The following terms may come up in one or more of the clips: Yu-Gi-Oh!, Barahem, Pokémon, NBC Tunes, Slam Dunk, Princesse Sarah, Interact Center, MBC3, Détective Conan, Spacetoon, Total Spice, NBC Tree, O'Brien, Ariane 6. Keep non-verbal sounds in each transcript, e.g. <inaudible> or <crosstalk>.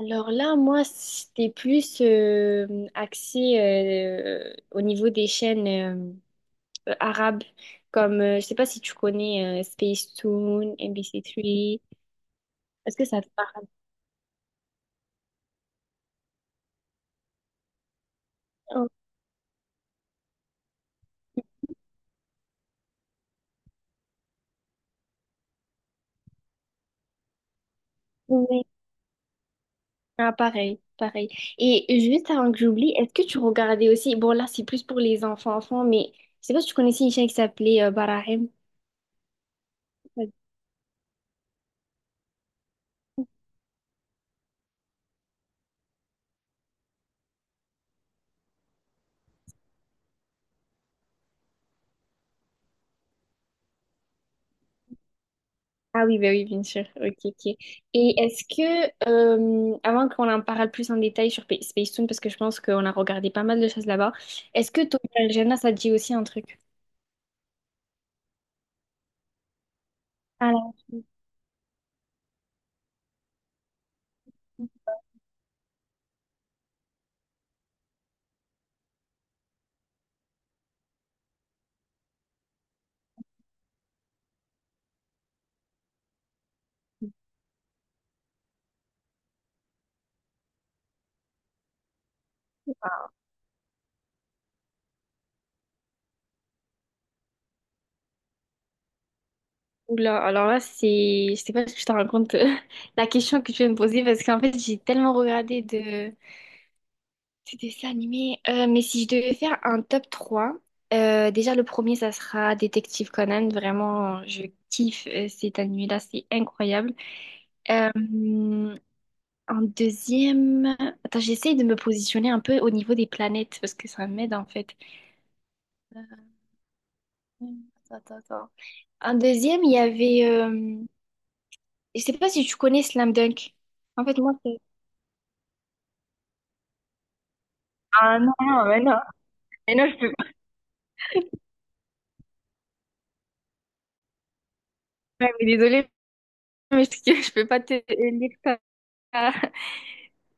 Alors là, moi, c'était plus axé au niveau des chaînes arabes, comme, je sais pas si tu connais Spacetoon, MBC3, est-ce que ça te parle? Oh, oui. Ah, pareil, pareil. Et juste avant que j'oublie, est-ce que tu regardais aussi, bon là, c'est plus pour les enfants-enfants, mais je sais pas si tu connaissais une chaîne qui s'appelait Barahem? Ah oui, bah oui, bien sûr. Ok, ok. Et est-ce que, avant qu'on en parle plus en détail sur Space Toon, parce que je pense qu'on a regardé pas mal de choses là-bas, est-ce que Tokyo ça te dit aussi un truc? Alors, oula, alors là, c'est... Je sais pas si je te rends compte <laughs> la question que tu viens de me poser, parce qu'en fait, j'ai tellement regardé de dessins animés. Mais si je devais faire un top 3, déjà, le premier, ça sera Détective Conan. Vraiment, je kiffe cet animé-là, c'est incroyable. Euh, En deuxième, attends, j'essaye de me positionner un peu au niveau des planètes parce que ça m'aide en fait. Euh, Attends, attends, attends. En deuxième, il y avait, je sais pas si tu connais Slam Dunk. En fait, moi, ah non, non, mais non. Mais non, je peux pas. Ouais, mais désolée, <laughs> mais parce je peux pas te lire ça.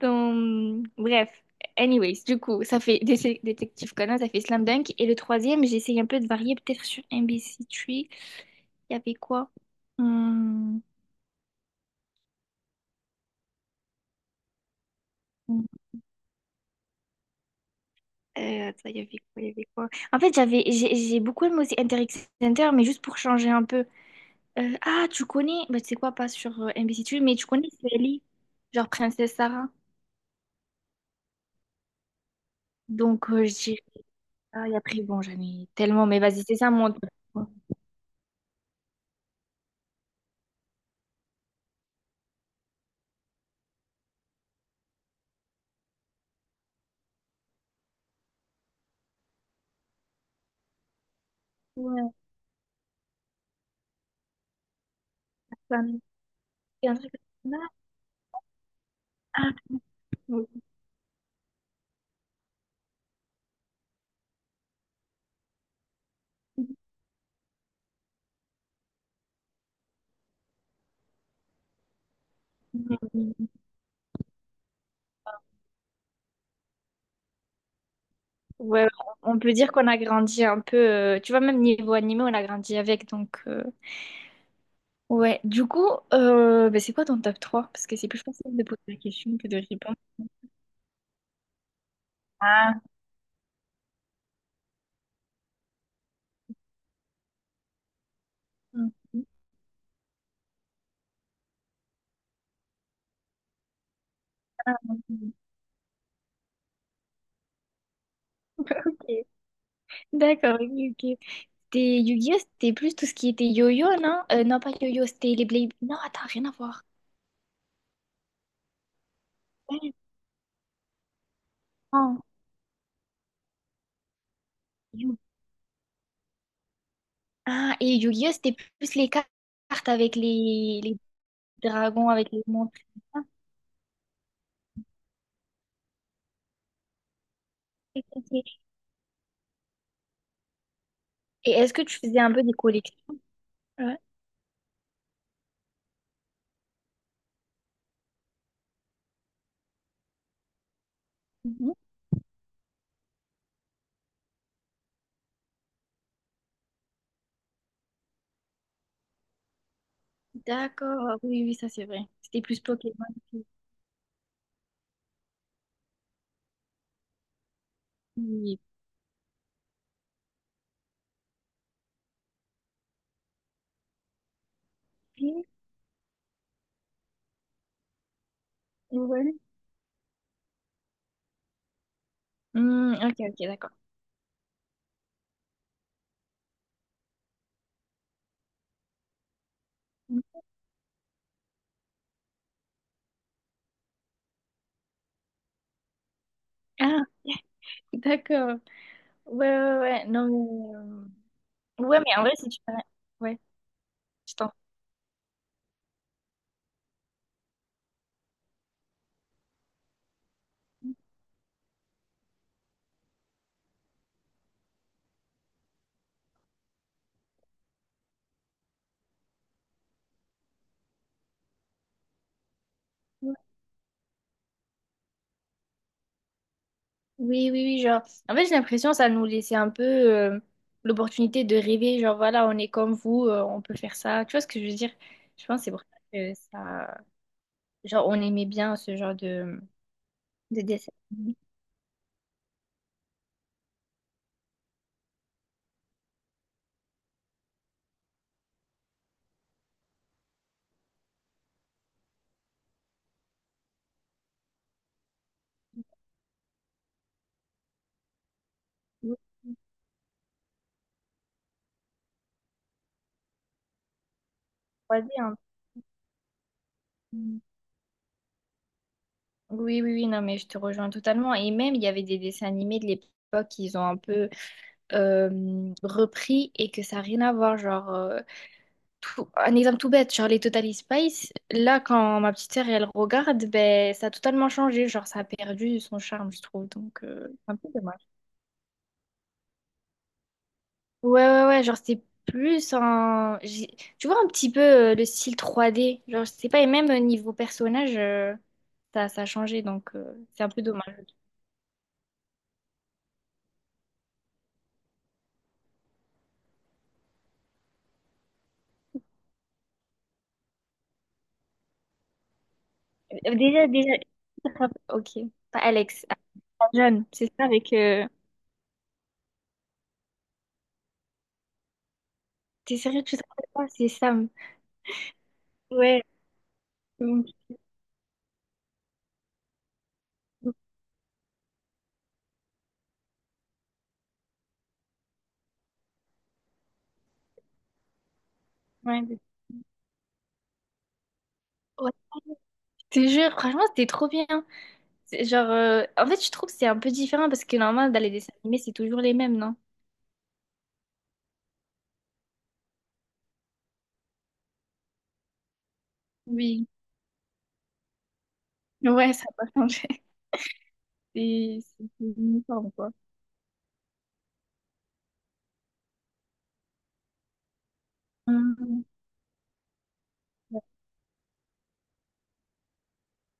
Bref, anyways, du coup, ça fait Détective Conan, ça fait Slam Dunk. Et le troisième, j'essaye un peu de varier, peut-être sur NBC Tree. Il y avait quoi? Hmm, hmm. Attends, il y avait quoi, il y avait quoi? En fait, j'ai beaucoup aimé aussi Interact Center, mais juste pour changer un peu. Ah, tu connais, bah, tu sais quoi, pas sur NBC Tunes, mais tu connais Sally, genre Princesse Sarah. Donc, je dirais ça, et après, bon, j'en ai tellement, mais vas-y, c'est ça mon top. Ouais, ça me fait un truc comme ça. Ah, oui. Ouais, on peut dire qu'on a grandi un peu, tu vois, même niveau animé, on a grandi avec, donc... ouais, du coup, bah, c'est quoi ton top trois? Parce que c'est plus facile de poser la question que de répondre. Ah. Mhm. Ok. D'accord, ok, ok. C'était Yu-Gi-Oh! C'était plus tout ce qui était yo-yo, non? Non, pas yo-yo, c'était les Blade. Non, attends, rien à voir. Non. Yu- ah, et Yu-Gi-Oh! C'était plus les cartes avec les dragons, avec les montres. Ah, ok, ok. Et est-ce que tu faisais un peu des collections? Ouais. Mhm. D'accord, oui, oui, oui, ça c'est vrai. C'était plus Pokémon. qui- qui- Ouais. Hmm, ok, ok, d'accord. Ah, <laughs> d'accord. Ouais, ouais, ouais, ouais. Non, mais... ouais, mais en vrai, si tu... Ouais, je t'en... Oui, oui, oui, genre... En fait, j'ai l'impression que ça nous laissait un peu l'opportunité de rêver, genre, voilà, on est comme vous, on peut faire ça. Tu vois ce que je veux dire? Je pense que c'est pour ça que ça... Genre, on aimait bien ce genre de dessin. Oui, 3D, hein. Mm. Oui, oui, oui, non, mais je te rejoins totalement. Et même, il y avait des dessins animés de l'époque qu'ils ont un peu repris et que ça n'a rien à voir. Genre, un exemple tout bête, genre les Total Spice, là, quand ma petite sœur, elle regarde, ben, ça a totalement changé. Genre, ça a perdu son charme, je trouve. Donc, c'est un peu dommage. Ouais, ouais, ouais, genre, c'est plus en... tu vois un petit peu le style 3D. Genre, je sais pas, et même niveau personnage, ça a changé. Donc, c'est un peu dommage. Déjà, déjà, ok. Pas Alex, ah, John, c'est ça avec... t'es sérieux, tu te rappelles pas? C'est Sam. Ouais. Donc, ouais, ouais, je te jure, franchement, c'était trop bien. C'est Genre, en fait, je trouve que c'est un peu différent parce que normalement, dans les dessins animés, c'est toujours les mêmes, non? Oui, ouais, ça n'a pas changé. <laughs> C'est uniforme, quoi. Mhm.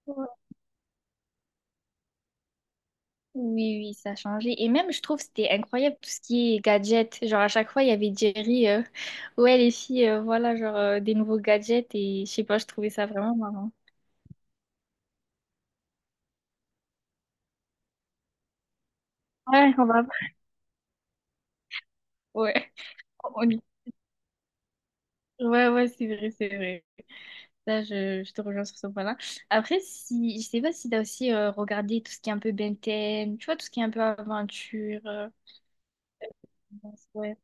Ouais. Oui, oui, ça a changé. Et même, je trouve, que c'était incroyable tout ce qui est gadgets. Genre, à chaque fois, il y avait Jerry. Ouais, les filles, voilà, genre, des nouveaux gadgets. Et je sais pas, je trouvais ça vraiment marrant. Ouais, on va. Ouais, on y- Ouais, ouais, c'est vrai, c'est vrai. Là, je te rejoins sur ce point-là. Après, si, je sais pas si t'as aussi regardé tout ce qui est un peu Ben 10, tu vois, tout ce qui est un peu aventure. Ouais.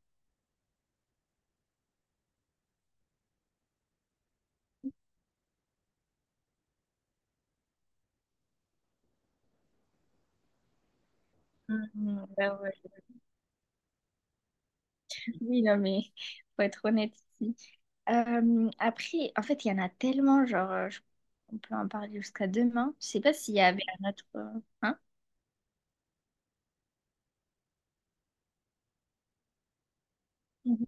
Mhm, bah ouais. Oui, non, mais <laughs> faut être honnête ici. Après, en fait, il y en a tellement, genre, on peut en parler jusqu'à demain. Je sais pas s'il y avait un autre. Hein? Mhm.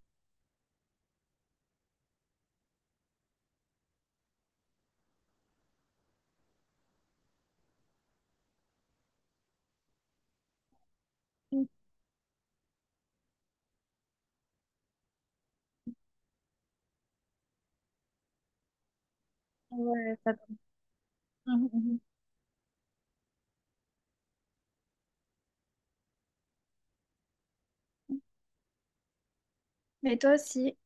Ouais, ça- Mhm, mhm. <laughs> Mais toi aussi.